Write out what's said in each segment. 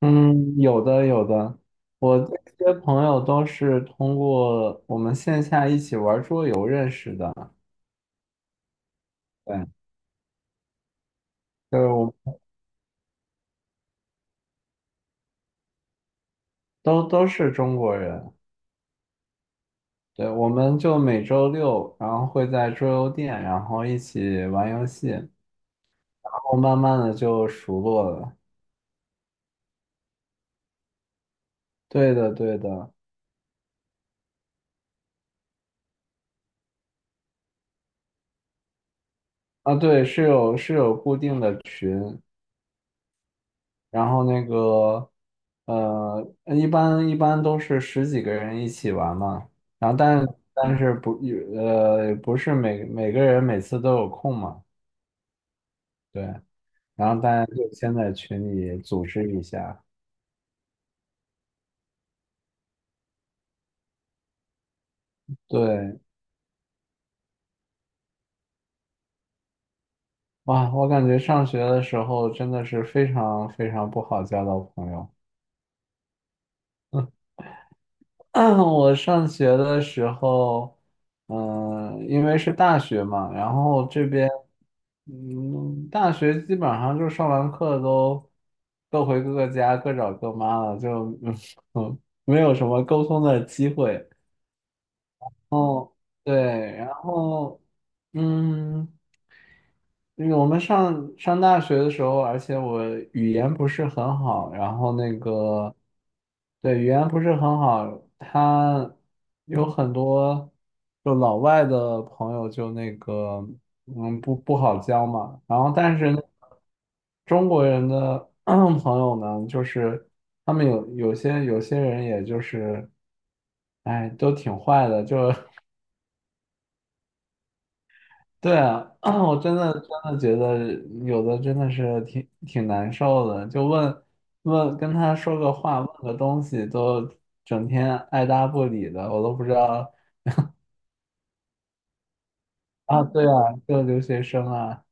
嗯，有的有的，我这些朋友都是通过我们线下一起玩桌游认识的。对，就是都是中国人。对，我们就每周六，然后会在桌游店，然后一起玩游戏，然后慢慢的就熟络了。对的，对的。啊，对，是有固定的群，然后那个，一般都是十几个人一起玩嘛，然后但是不是每个人每次都有空嘛，对，然后大家就先在群里组织一下，对，哇，我感觉上学的时候真的是非常非常不好交到朋友。我上学的时候，因为是大学嘛，然后这边，大学基本上就上完课都各回各个家，各找各妈了，就 嗯没有什么沟通的机会。对，然后嗯，因为我们上大学的时候，而且我语言不是很好，然后那个对语言不是很好，他有很多就老外的朋友就那个不好交嘛，然后但是呢中国人的 朋友呢，就是他们有些人也就是。哎，都挺坏的，就 对啊，我真的真的觉得有的真的是挺难受的，就问问跟他说个话，问个东西，都整天爱答不理的，我都不知道啊。对啊，就留学生啊，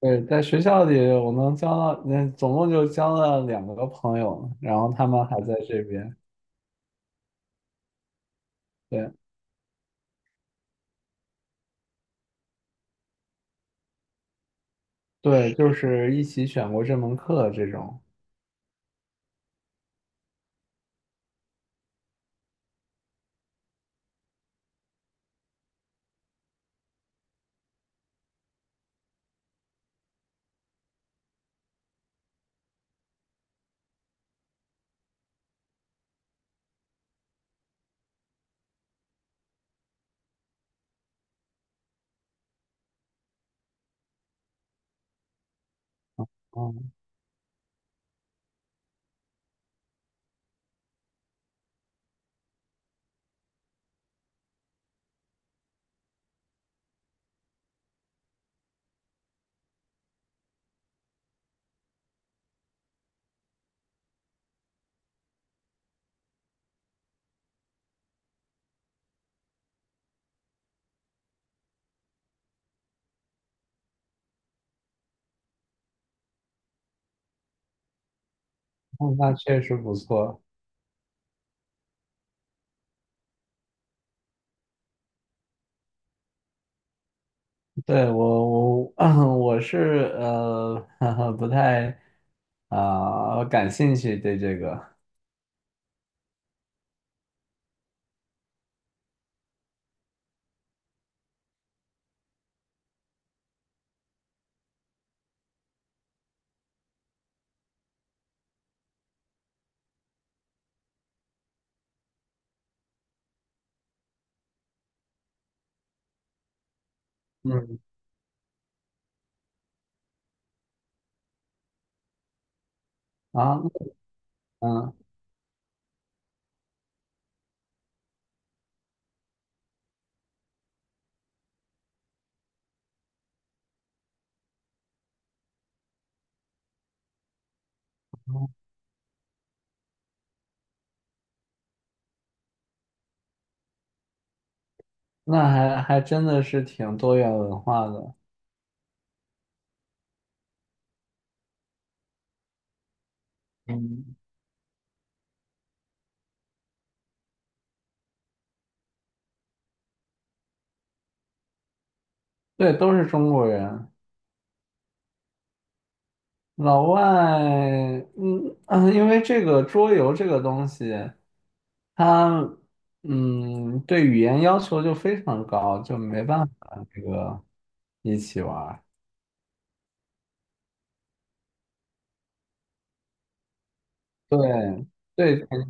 对，在学校里我能交到，嗯，总共就交了两个朋友，然后他们还在这边，对对，就是一起选过这门课这种，嗯，那确实不错。对，我 我是不太感兴趣对这个嗯啊嗯，那还真的是挺多元文化的，嗯对，都是中国人，老外嗯嗯，因为这个桌游这个东西，它对语言要求就非常高，就没办法这个一起玩儿对对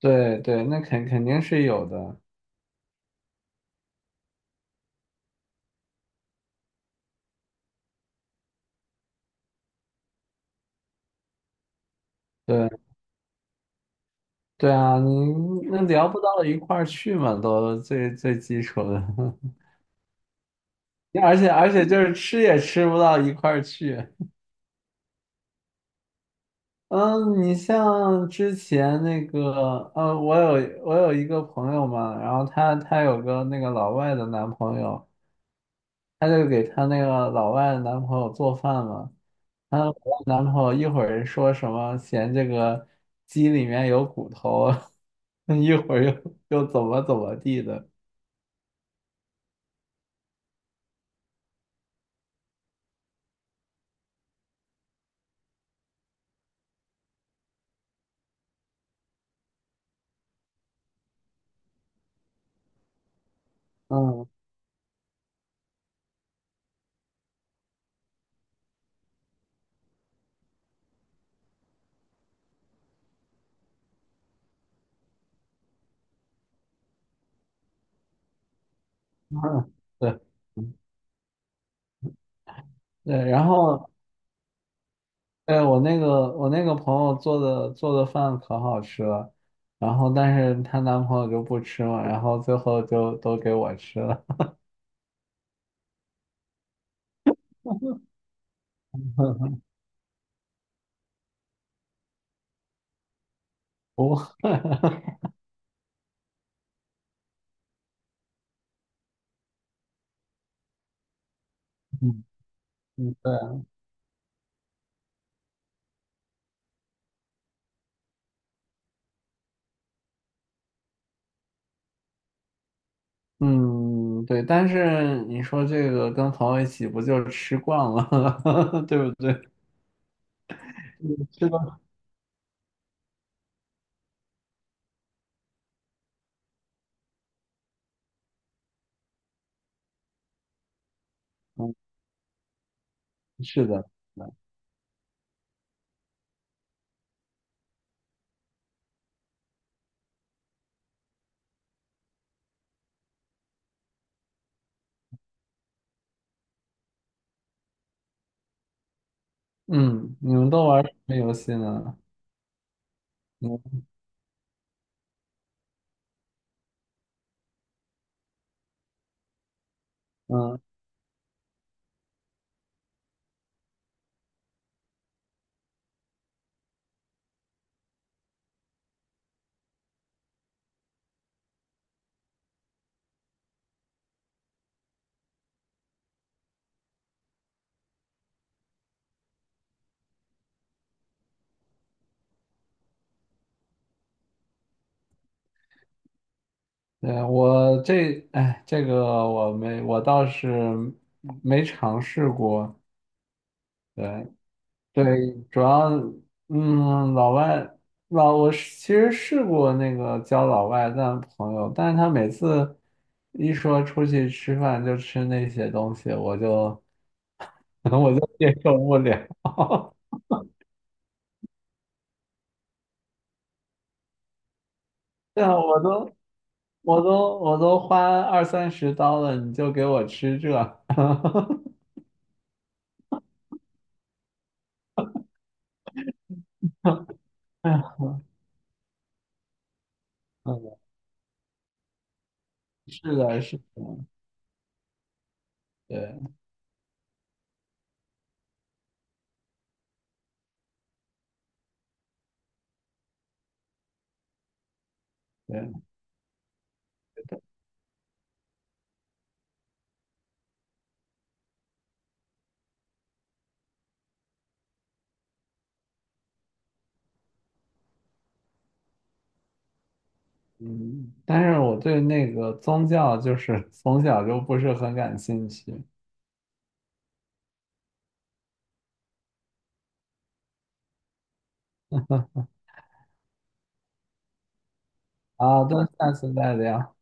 对对，那肯定是有的。对对啊，你那聊不到一块儿去嘛，都最最基础的，而且就是吃也吃不到一块儿去。嗯，你像之前那个，我有一个朋友嘛，然后她有个那个老外的男朋友，她就给她那个老外的男朋友做饭嘛，她老外男朋友一会儿说什么嫌这个鸡里面有骨头啊，一会儿又怎么怎么地的，嗯。对。对，然后对我那个朋友做的饭可好吃了，然后但是她男朋友就不吃嘛，然后最后就都给我吃了。不，嗯 嗯，对，嗯对，但是你说这个跟朋友一起不就吃惯了，对不对？吃的，嗯，是的是的嗯，你们都玩什么游戏呢？嗯嗯对，我这，哎，这个我没，我倒是没尝试过。对对，主要，老外，老，我是其实试过那个交老外的朋友，但是他每次一说出去吃饭就吃那些东西，我就 我就接受不了。对啊，我都花20-30刀了，你就给我吃这？哎呀，嗯，是的，是的，对。对，嗯，但是我对那个宗教就是 从小就不是很感兴趣。好的，那下次再聊。